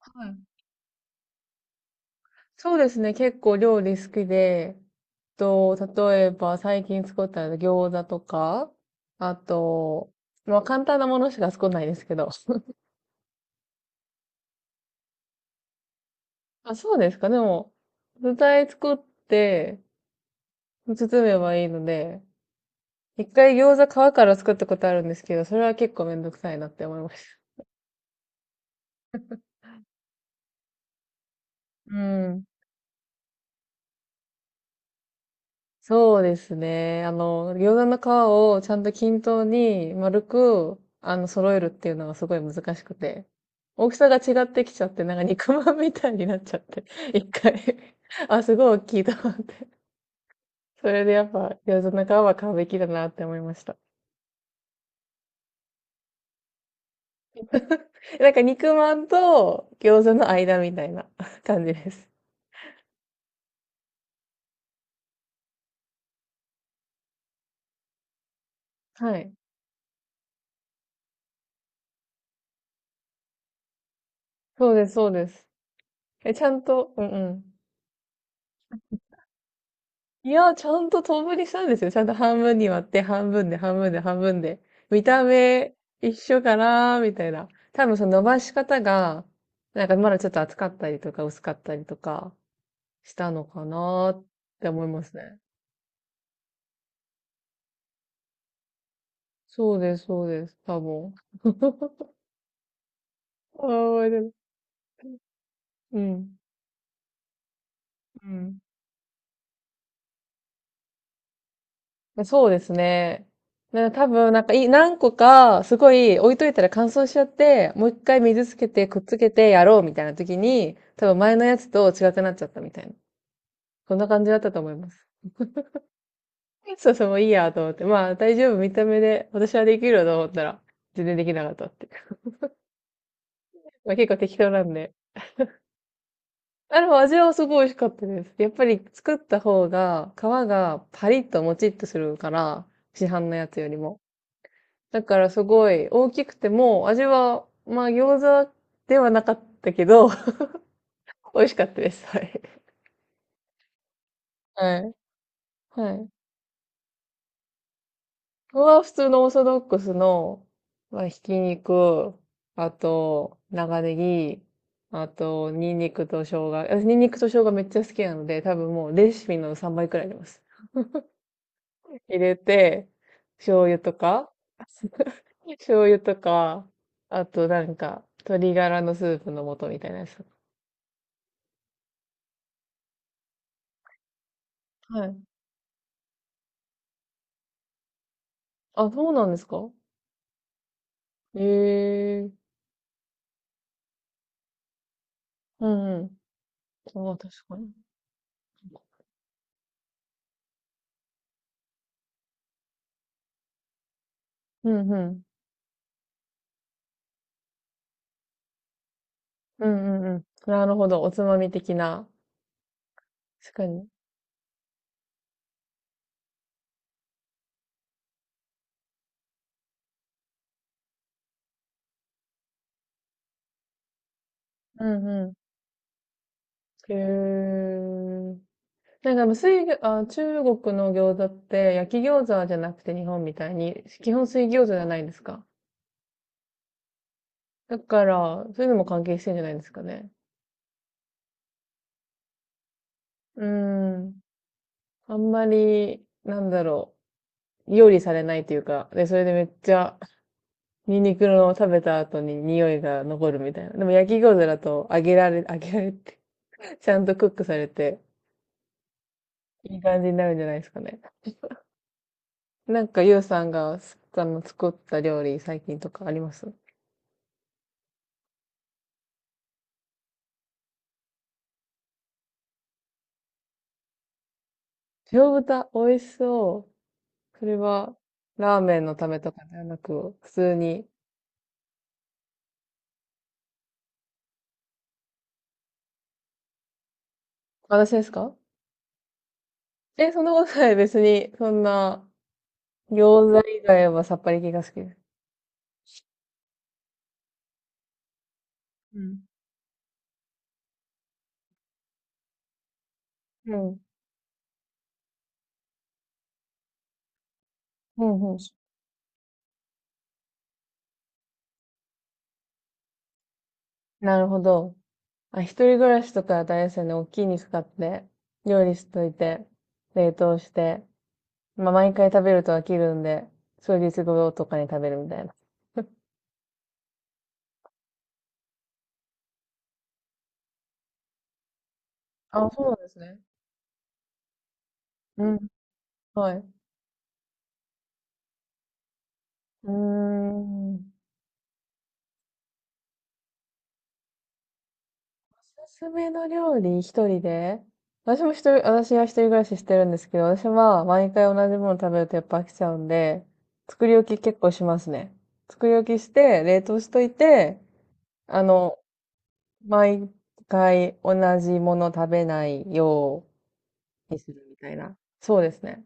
はい。そうですね。結構料理好きで、例えば最近作った餃子とか、あと、まあ簡単なものしか作んないですけど。あ、そうですか。でも、具材作って、包めばいいので、一回餃子皮から作ったことあるんですけど、それは結構めんどくさいなって思いました。うん。そうですね。あの、餃子の皮をちゃんと均等に丸く、揃えるっていうのがすごい難しくて。大きさが違ってきちゃって、なんか肉まんみたいになっちゃって。一回あ、すごい大きいと思って。それでやっぱ餃子の皮は買うべきだなって思いました。なんか肉まんと餃子の間みたいな 感じです。はい。そうです、そうです。え、ちゃんと、うんうん。いや、ちゃんと等分にしたんですよ。ちゃんと半分に割って、半分で、半分で、半分で。見た目、一緒かなみたいな。多分その伸ばし方が、なんかまだちょっと厚かったりとか薄かったりとかしたのかなって思いますね。そうです、そうです。多分。ああ、覚えてるうん。うん。そうですね。多分、なんかい、何個か、すごい置いといたら乾燥しちゃって、もう一回水つけて、くっつけてやろうみたいな時に、多分前のやつと違くなっちゃったみたいな。そんな感じだったと思います。そうそう、もういいやと思って。まあ、大丈夫、見た目で、私はできるよと思ったら、全然できなかったっていう。まあ、結構適当なんで。あ、でも味はすごい美味しかったです。やっぱり作った方が、皮がパリッともちっとするから、市販のやつよりも。だからすごい大きくても、味は、まあ餃子ではなかったけど、美味しかったです。はい。はい。はい。ここは普通のオーソドックスの、まあ、ひき肉、あと、長ネギ、あと、ニンニクと生姜。私、ニンニクと生姜めっちゃ好きなので、多分もうレシピの3倍くらいあります。入れて、醤油とか、醤油とか、あとなんか、鶏ガラのスープの素みたいなやつ。はい。あ、そうなんですか。ええ。うんうん。そう、確かに。うんうん。うんうんうん。なるほど。おつまみ的な。確かに。うんうん。へえ。なんか、無水餃、あ、中国の餃子って焼き餃子じゃなくて日本みたいに、基本水餃子じゃないですか。だから、そういうのも関係してんじゃないですかね。うーん。あんまり、料理されないというか、で、それでめっちゃニンニクの食べた後に匂いが残るみたいな。でも焼き餃子だと揚げられ、揚げられて ちゃんとクックされて、いい感じになるんじゃないですかね。なんか、ゆうさんがす、あの、作った料理、最近とかあります？塩豚、美味しそう。それは、ラーメンのためとかではなく、普通に。私ですか？え、そんなことない。別に、そんな、餃子以外はさっぱり系が好きです。うん。うん。うんうん。なるほど。あ、一人暮らしとか大変ですよね。大きい肉買って、料理しといて、冷凍して、まあ、毎回食べると飽きるんで、数日後とかに食べるみたいな。あ、そうなんですね。うん。はい。うーん。おすすめの料理、一人で私も一人、私は一人暮らししてるんですけど、私は毎回同じもの食べるとやっぱ飽きちゃうんで、作り置き結構しますね。作り置きして、冷凍しといて、あの、毎回同じもの食べないようにするみたいな。そうですね。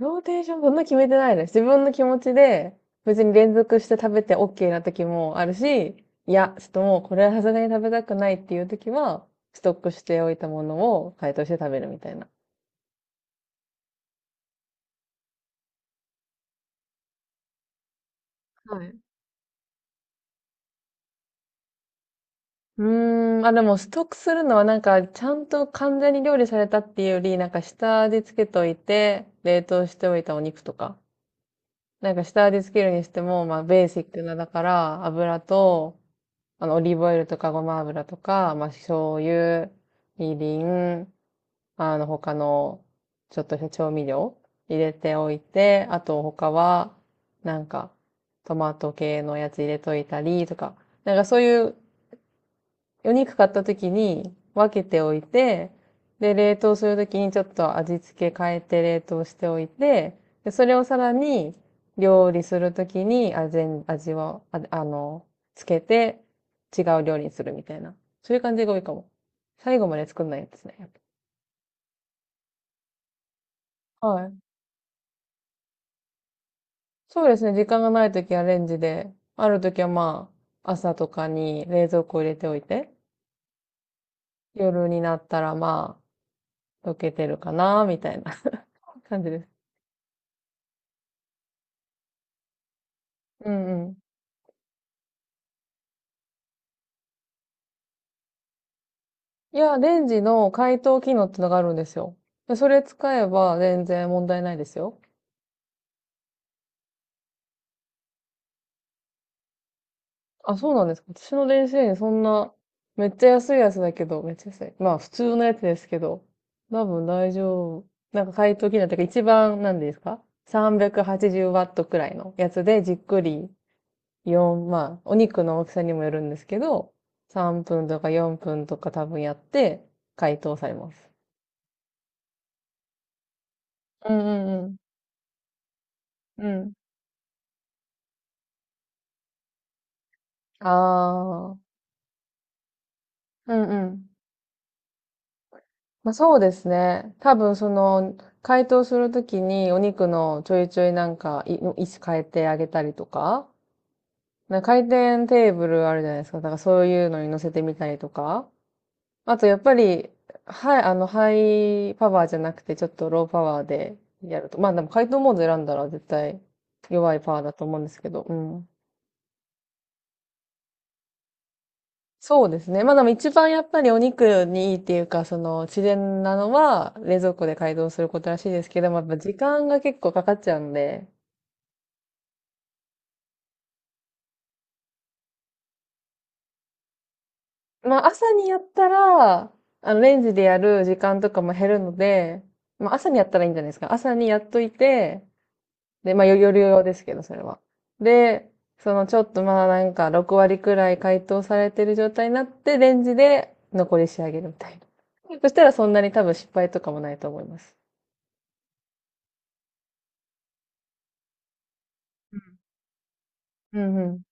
ローテーションそんな決めてないです。自分の気持ちで別に連続して食べて OK な時もあるし、いや、ちょっともうこれはさすがに食べたくないっていう時は、ストックしておいたものを解凍して食べるみたいな。はい。うーん、あ、でもストックするのはなんか、ちゃんと完全に料理されたっていうより、なんか下味つけといて、冷凍しておいたお肉とか、なんか下味つけるにしても、まあベーシックなだから油と、あのオリーブオイルとかごま油とか、まあ醤油、みりん、あの他のちょっとした調味料入れておいて、あと他はなんかトマト系のやつ入れといたりとか、なんかそういうお肉買った時に分けておいて、で、冷凍する時にちょっと味付け変えて冷凍しておいて、で、それをさらに料理する時に味を、あ、あの、つけて違う料理にするみたいな。そういう感じが多いかも。最後まで作んないやつですね。やっぱはい。そうですね。時間がない時はレンジで、ある時はまあ、朝とかに冷蔵庫入れておいて、夜になったらまあ、溶けてるかな、みたいな 感じです。うんうん。いや、レンジの解凍機能ってのがあるんですよ。でそれ使えば全然問題ないですよ。あ、そうなんですか。私の電子レンジそんな、めっちゃ安いやつだけど、めっちゃ安い。まあ普通のやつですけど、多分大丈夫。なんか解凍機能ってか一番、なんですか？ 380 ワットくらいのやつでじっくり4、まあお肉の大きさにもよるんですけど、3分とか4分とか多分やって解凍されます。うんうんうん。うん。ああ。うんうん。まあ、そうですね。多分その、解凍するときにお肉のちょいちょいなんか、位置変えてあげたりとか、なんか回転テーブルあるじゃないですか。だからそういうのに乗せてみたりとか。あとやっぱり、はい、あの、ハイパワーじゃなくてちょっとローパワーでやると。まあでも解凍モード選んだら絶対弱いパワーだと思うんですけど。うん。そうですね。まあでも一番やっぱりお肉にいいっていうか、その自然なのは冷蔵庫で解凍することらしいですけども、やっぱ時間が結構かかっちゃうんで、まあ朝にやったら、あのレンジでやる時間とかも減るので、まあ朝にやったらいいんじゃないですか。朝にやっといて、で、まあ夜用ですけど、それは。で、そのちょっとまあなんか6割くらい解凍されてる状態になって、レンジで残り仕上げるみたいな。そしたらそんなに多分失敗とかもないと思います。うんうん。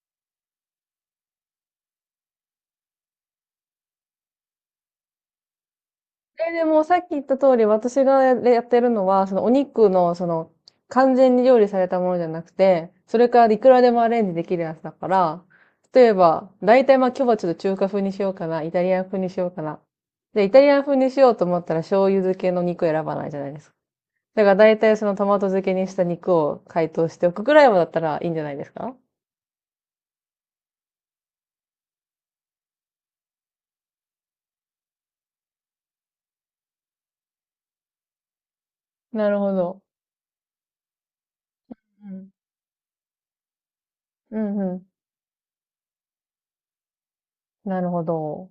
え、でもさっき言った通り、私がやってるのは、そのお肉の、その、完全に料理されたものじゃなくて、それからいくらでもアレンジできるやつだから、例えば、大体まあ今日はちょっと中華風にしようかな、イタリアン風にしようかな。で、イタリアン風にしようと思ったら醤油漬けの肉選ばないじゃないですか。だから大体そのトマト漬けにした肉を解凍しておくくらいはだったらいいんじゃないですか？なるほど。うん。うんうん。なるほど。